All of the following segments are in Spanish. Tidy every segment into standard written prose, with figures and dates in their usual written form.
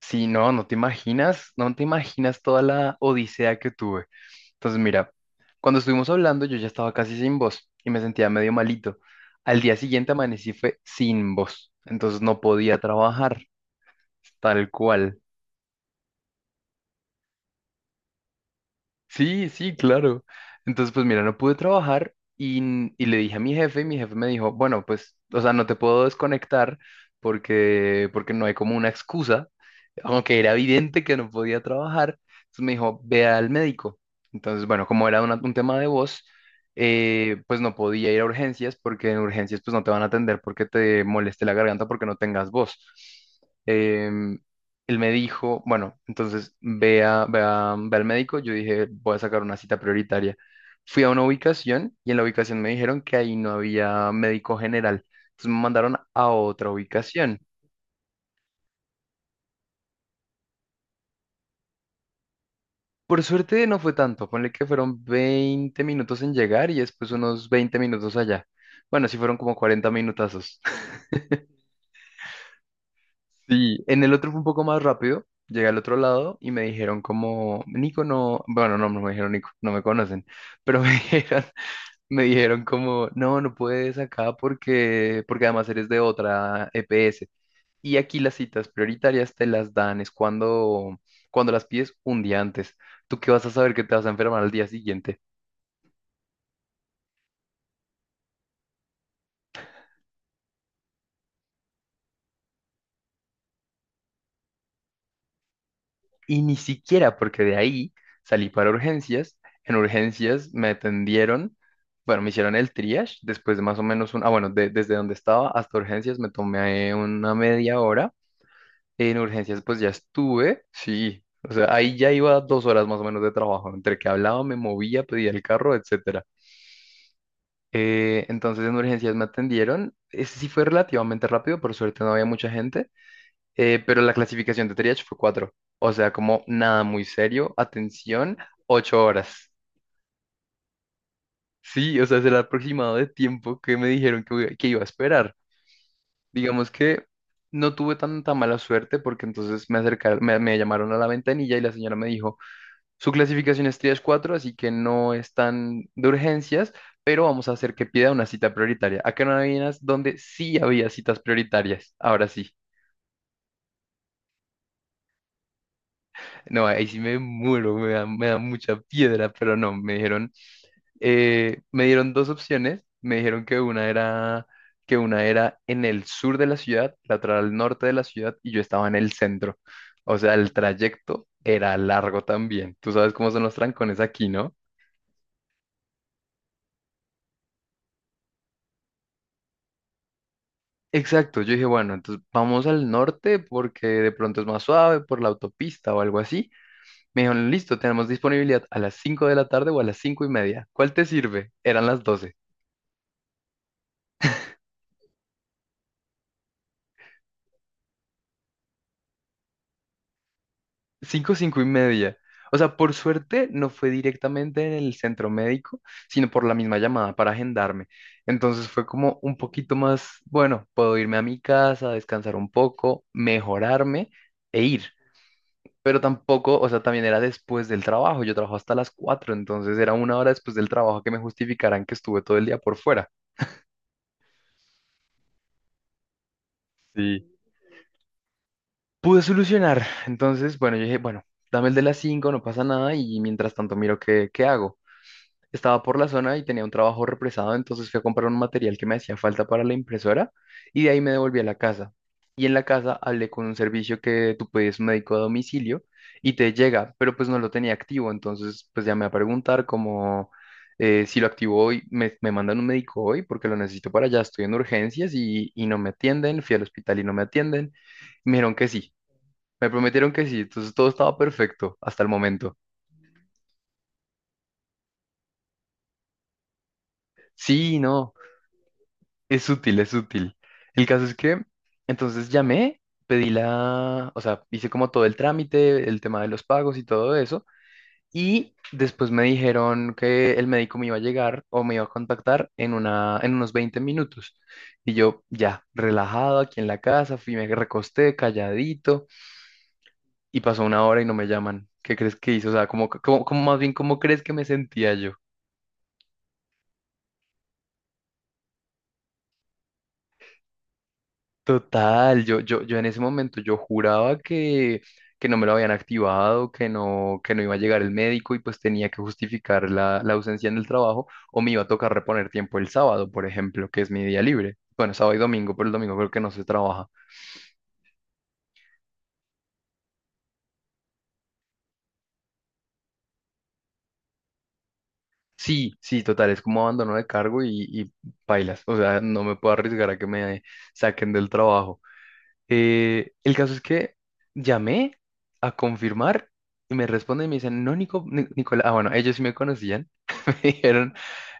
Sí, no, no te imaginas, no te imaginas toda la odisea que tuve. Entonces, mira, cuando estuvimos hablando, yo ya estaba casi sin voz y me sentía medio malito. Al día siguiente amanecí fue sin voz, entonces no podía trabajar, tal cual. Sí, sí, claro. Entonces, pues mira, no pude trabajar y le dije a mi jefe y mi jefe me dijo, bueno, pues, o sea, no te puedo desconectar porque no hay como una excusa, aunque era evidente que no podía trabajar. Entonces me dijo, ve al médico. Entonces, bueno, como era un tema de voz, pues no podía ir a urgencias porque en urgencias pues no te van a atender porque te moleste la garganta porque no tengas voz. Em, Él me dijo, bueno, entonces ve al médico. Yo dije, voy a sacar una cita prioritaria. Fui a una ubicación y en la ubicación me dijeron que ahí no había médico general. Entonces me mandaron a otra ubicación. Por suerte no fue tanto, ponle que fueron 20 minutos en llegar y después unos 20 minutos allá. Bueno, sí fueron como 40 minutazos. Sí, en el otro fue un poco más rápido. Llegué al otro lado y me dijeron como, Nico, no, bueno, no, no me dijeron Nico, no me conocen, pero me dijeron. Me dijeron como, no, no puedes acá porque además eres de otra EPS. Y aquí las citas prioritarias te las dan, es cuando las pides un día antes. ¿Tú qué vas a saber que te vas a enfermar al día siguiente? Y ni siquiera porque de ahí salí para urgencias. En urgencias me atendieron, bueno, me hicieron el triage, después de más o menos bueno, desde donde estaba hasta urgencias me tomé una media hora. En urgencias, pues ya estuve, sí. O sea, ahí ya iba 2 horas más o menos de trabajo, entre que hablaba, me movía, pedía el carro, etcétera. Entonces en urgencias me atendieron. Ese sí fue relativamente rápido, por suerte no había mucha gente, pero la clasificación de triage fue 4. O sea, como nada muy serio, atención, 8 horas. Sí, o sea, es el aproximado de tiempo que me dijeron que iba a esperar. Digamos que no tuve tanta mala suerte porque entonces me acercaron, me llamaron a la ventanilla y la señora me dijo, su clasificación es tres cuatro, así que no es tan de urgencias, pero vamos a hacer que pida una cita prioritaria. Acá no adivinas donde sí había citas prioritarias. Ahora sí. No, ahí sí me muero, me da mucha piedra, pero no, me dijeron, me dieron dos opciones. Me dijeron que una era en el sur de la ciudad, la otra al norte de la ciudad, y yo estaba en el centro. O sea, el trayecto era largo también. Tú sabes cómo son los trancones aquí, ¿no? Exacto, yo dije, bueno, entonces vamos al norte porque de pronto es más suave por la autopista o algo así. Me dijeron, listo, tenemos disponibilidad a las 5 de la tarde o a las 5 y media. ¿Cuál te sirve? Eran las 12. 5, 5 y media. O sea, por suerte no fue directamente en el centro médico, sino por la misma llamada para agendarme. Entonces fue como un poquito más, bueno, puedo irme a mi casa, descansar un poco, mejorarme e ir. Pero tampoco, o sea, también era después del trabajo, yo trabajo hasta las 4, entonces era 1 hora después del trabajo que me justificaran que estuve todo el día por fuera. Sí, pude solucionar, entonces, bueno, yo dije, bueno, dame el de las 5, no pasa nada y mientras tanto miro qué hago. Estaba por la zona y tenía un trabajo represado, entonces fui a comprar un material que me hacía falta para la impresora y de ahí me devolví a la casa. Y en la casa hablé con un servicio que tú pedías un médico a domicilio y te llega, pero pues no lo tenía activo, entonces pues llamé a preguntar como, si lo activo hoy, me mandan un médico hoy porque lo necesito para allá, estoy en urgencias y no me atienden, fui al hospital y no me atienden. Me dijeron que sí, me prometieron que sí, entonces todo estaba perfecto hasta el momento. Sí, no. Es útil, es útil. El caso es que entonces llamé, o sea, hice como todo el trámite, el tema de los pagos y todo eso, y después me dijeron que el médico me iba a llegar o me iba a contactar en unos 20 minutos. Y yo ya, relajado aquí en la casa, fui, me recosté calladito y pasó 1 hora y no me llaman. ¿Qué crees que hizo? O sea, como más bien, ¿cómo crees que me sentía yo? Total, yo en ese momento yo juraba que no me lo habían activado, que no iba a llegar el médico y pues tenía que justificar la ausencia en el trabajo o me iba a tocar reponer tiempo el sábado, por ejemplo, que es mi día libre. Bueno, sábado y domingo, pero el domingo creo que no se trabaja. Sí, sí, total, es como abandono de cargo y pailas, o sea, no me puedo arriesgar a que me saquen del trabajo. El caso es que llamé a confirmar y me responden y me dicen, no, Nico, Nicolás, bueno, ellos sí me conocían, me dijeron,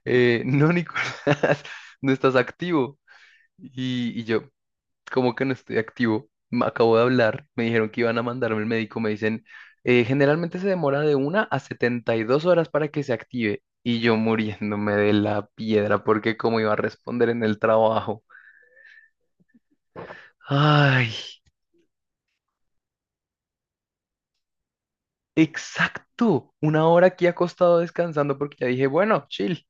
no, Nicolás, no estás activo. Y yo, ¿cómo que no estoy activo? Me acabo de hablar, me dijeron que iban a mandarme el médico, me dicen, Generalmente se demora de 1 a 72 horas para que se active". Y yo muriéndome de la piedra porque cómo iba a responder en el trabajo. Ay. Exacto, 1 hora aquí acostado descansando porque ya dije, bueno, chill,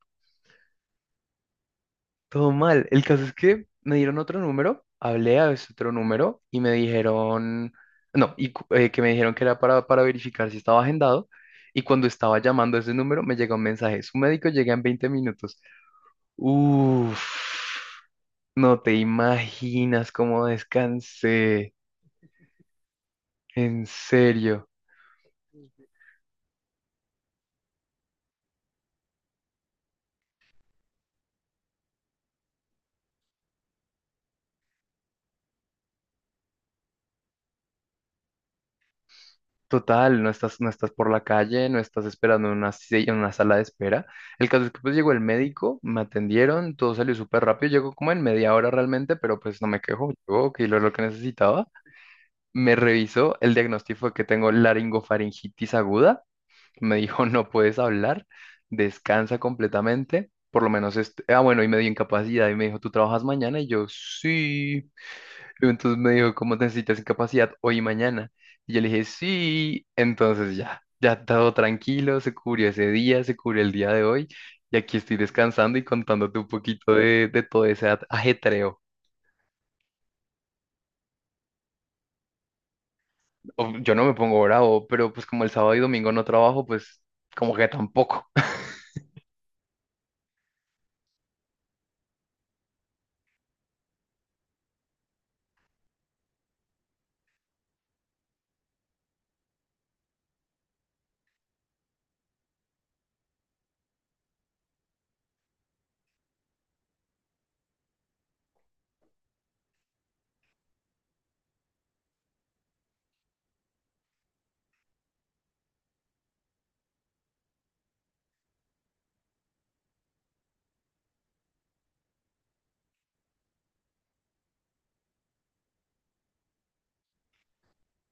todo mal. El caso es que me dieron otro número, hablé a ese otro número y me dijeron, no, y que me dijeron que era para verificar si estaba agendado. Y cuando estaba llamando a ese número me llegó un mensaje, su médico llega en 20 minutos. Uf, no te imaginas cómo descansé, en serio. Total, no estás, no estás por la calle, no estás esperando en una, si- en una sala de espera. El caso es que pues llegó el médico, me atendieron, todo salió súper rápido, llegó como en media hora realmente, pero pues no me quejo, llegó, que lo que necesitaba. Me revisó, el diagnóstico fue que tengo laringofaringitis aguda, me dijo no puedes hablar, descansa completamente, por lo menos, bueno, y me dio incapacidad y me dijo tú trabajas mañana y yo sí. Entonces me dijo, ¿cómo necesitas incapacidad hoy y mañana? Y yo le dije, sí. Entonces ya, ya todo tranquilo, se cubrió ese día, se cubrió el día de hoy. Y aquí estoy descansando y contándote un poquito de todo ese ajetreo. Yo no me pongo bravo, pero pues como el sábado y domingo no trabajo, pues como que tampoco.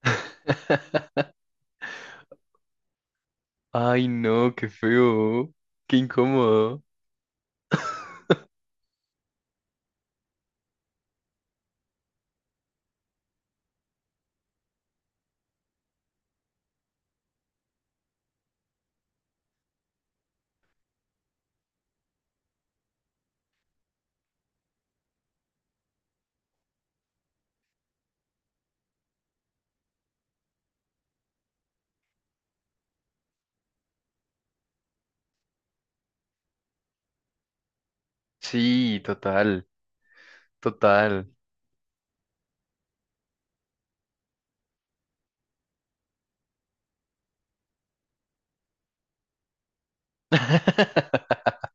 Ay, no, qué feo, qué incómodo. Sí, total, total.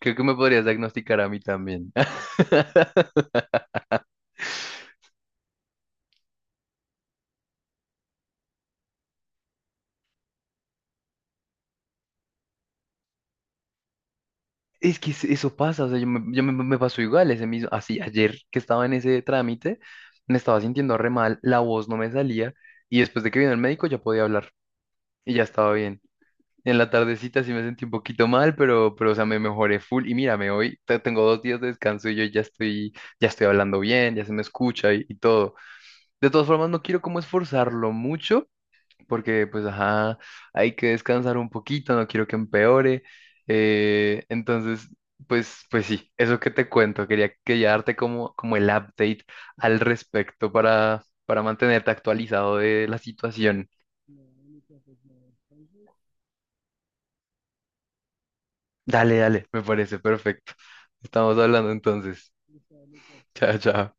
Creo que me podrías diagnosticar a mí también. Es que eso pasa, o sea, me pasó igual ese mismo, así ayer que estaba en ese trámite, me estaba sintiendo re mal, la voz no me salía y después de que vino el médico ya podía hablar y ya estaba bien. En la tardecita sí me sentí un poquito mal, pero o sea, me mejoré full y mírame, hoy tengo 2 días de descanso y yo ya estoy hablando bien, ya se me escucha y todo. De todas formas, no quiero como esforzarlo mucho porque pues ajá, hay que descansar un poquito, no quiero que empeore. Entonces, pues sí, eso que te cuento, quería darte como el update al respecto para, mantenerte actualizado de la situación. Dale, dale, me parece perfecto. Estamos hablando entonces. Chao, chao.